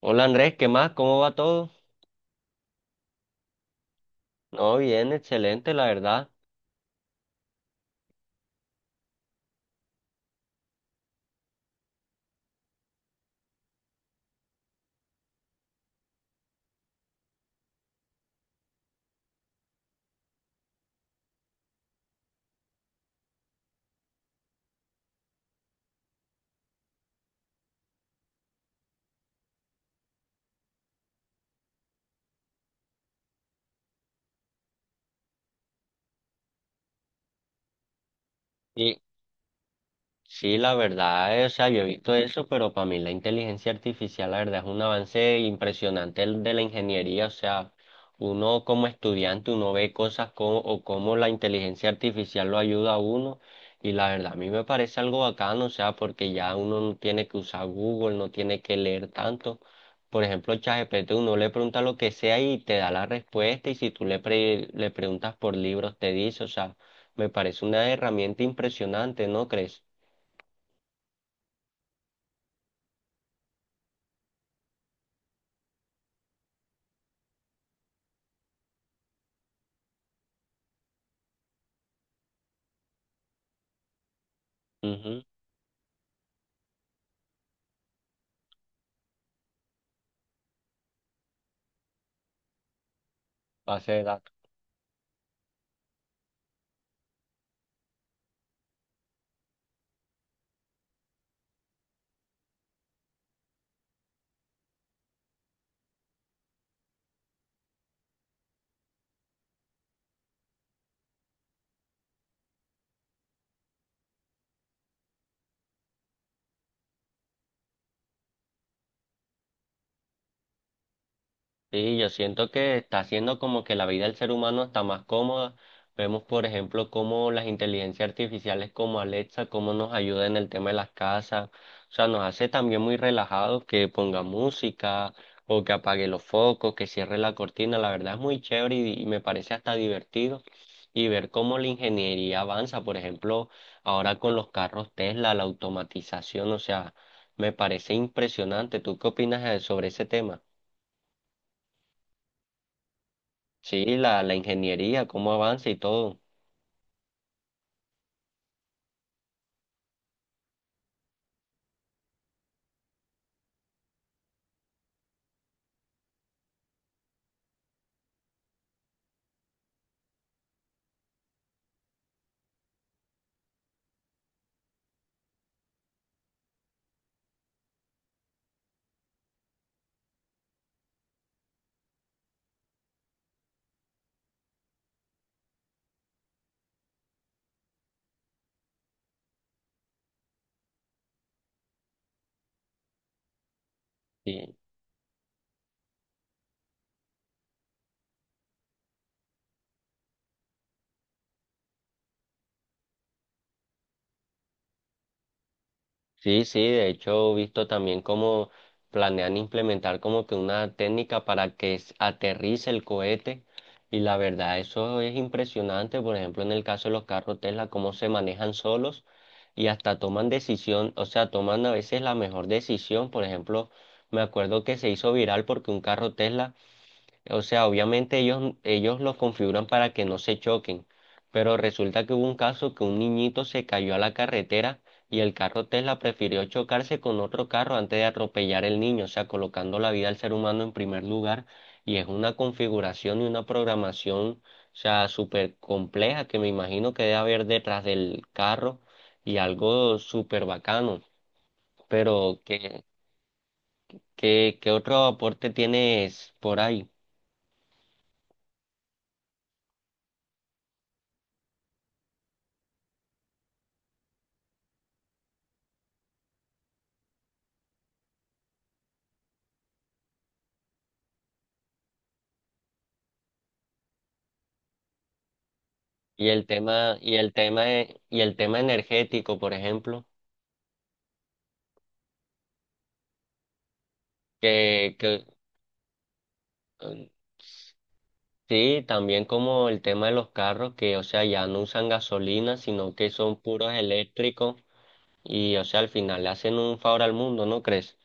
Hola Andrés, ¿qué más? ¿Cómo va todo? No, bien, excelente, la verdad. Y sí, la verdad, o sea, yo he visto eso, pero para mí la inteligencia artificial, la verdad, es un avance impresionante el de la ingeniería. O sea, uno como estudiante, uno ve o cómo la inteligencia artificial lo ayuda a uno. Y la verdad, a mí me parece algo bacano, o sea, porque ya uno no tiene que usar Google, no tiene que leer tanto. Por ejemplo, ChatGPT, uno le pregunta lo que sea y te da la respuesta. Y si tú le preguntas por libros, te dice, o sea, me parece una herramienta impresionante, ¿no crees? Ujú, base de datos. Sí, yo siento que está haciendo como que la vida del ser humano está más cómoda. Vemos, por ejemplo, cómo las inteligencias artificiales como Alexa, cómo nos ayuda en el tema de las casas. O sea, nos hace también muy relajados que ponga música o que apague los focos, que cierre la cortina. La verdad es muy chévere y me parece hasta divertido. Y ver cómo la ingeniería avanza, por ejemplo, ahora con los carros Tesla, la automatización, o sea, me parece impresionante. ¿Tú qué opinas sobre ese tema? Sí, la ingeniería, cómo avanza y todo. Sí, sí, sí, de hecho he visto también cómo planean implementar como que una técnica para que aterrice el cohete y la verdad eso es impresionante, por ejemplo en el caso de los carros Tesla, cómo se manejan solos y hasta toman decisión, o sea, toman a veces la mejor decisión, por ejemplo, me acuerdo que se hizo viral porque un carro Tesla. O sea, obviamente ellos los configuran para que no se choquen, pero resulta que hubo un caso que un niñito se cayó a la carretera y el carro Tesla prefirió chocarse con otro carro antes de atropellar el niño, o sea, colocando la vida del ser humano en primer lugar. Y es una configuración y una programación, o sea, súper compleja que me imagino que debe haber detrás del carro y algo súper bacano. Pero, ¿qué otro aporte tienes por ahí? Y el tema energético, por ejemplo, que eh, sí, también como el tema de los carros, que o sea, ya no usan gasolina, sino que son puros eléctricos, y o sea, al final le hacen un favor al mundo, ¿no crees?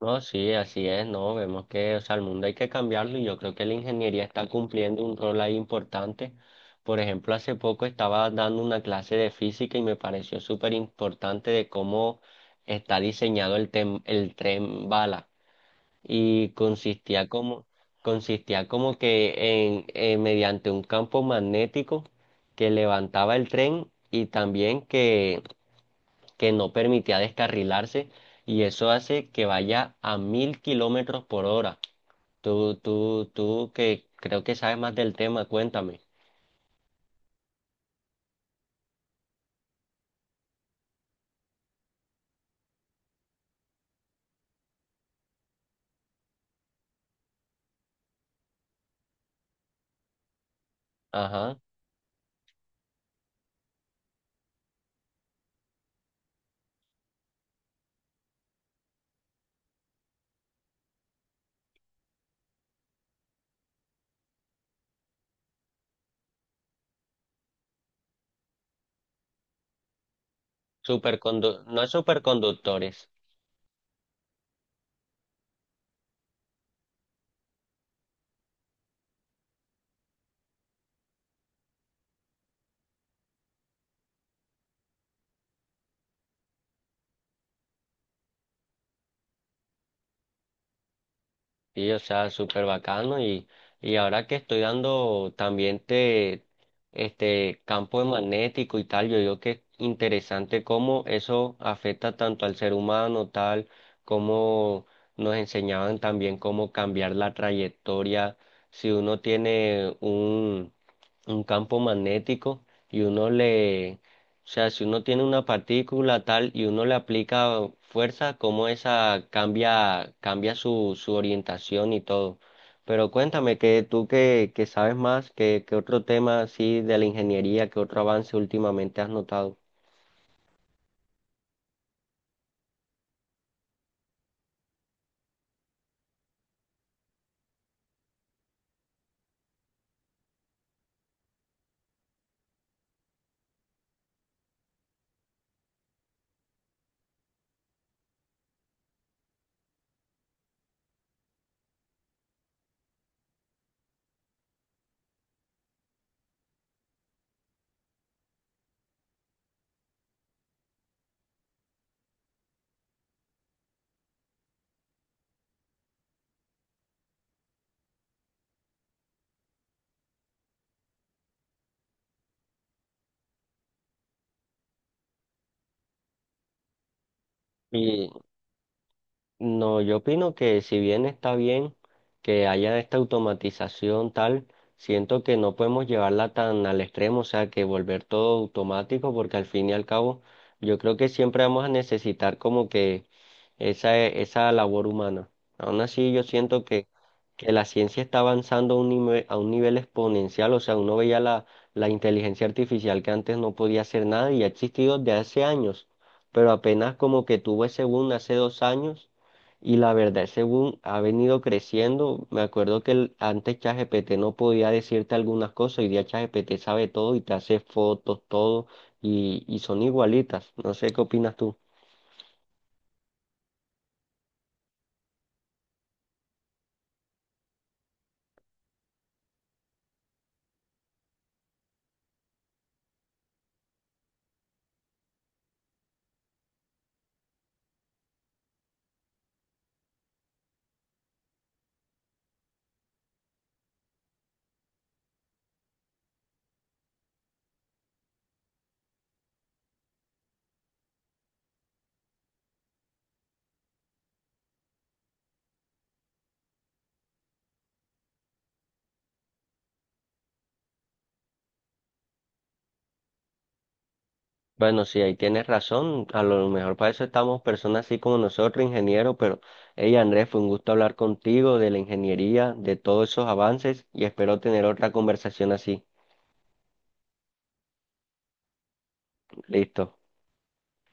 No, sí, así es, no, vemos que, o sea, el mundo hay que cambiarlo y yo creo que la ingeniería está cumpliendo un rol ahí importante. Por ejemplo, hace poco estaba dando una clase de física y me pareció súper importante de cómo está diseñado el tren bala y consistía como que en, mediante un campo magnético que levantaba el tren y también que no permitía descarrilarse y eso hace que vaya a 1000 km/h. Tú que creo que sabes más del tema, cuéntame. Ajá. Supercondu, no es superconductores. Y o sea, súper bacano y ahora que estoy dando también te, este campo magnético y tal, yo digo que es interesante cómo eso afecta tanto al ser humano, tal, como nos enseñaban también cómo cambiar la trayectoria. Si uno tiene un campo magnético y uno le, o sea, si uno tiene una partícula tal y uno le aplica fuerza, como esa cambia, cambia su orientación y todo. Pero cuéntame que tú que sabes más, que otro tema así de la ingeniería, que otro avance últimamente has notado. No, yo opino que si bien está bien que haya esta automatización tal, siento que no podemos llevarla tan al extremo, o sea, que volver todo automático, porque al fin y al cabo, yo creo que siempre vamos a necesitar como que esa labor humana. Aún así, yo siento que la ciencia está avanzando a un nivel exponencial, o sea, uno veía la inteligencia artificial que antes no podía hacer nada y ha existido desde hace años, pero apenas como que tuvo ese boom hace 2 años y la verdad, según ha venido creciendo, me acuerdo que antes ChatGPT no podía decirte algunas cosas, hoy día ChatGPT sabe todo y te hace fotos, todo, y son igualitas. No sé qué opinas tú. Bueno, sí, ahí tienes razón. A lo mejor para eso estamos personas así como nosotros, ingenieros, pero hey Andrés, fue un gusto hablar contigo de la ingeniería, de todos esos avances, y espero tener otra conversación así. Listo.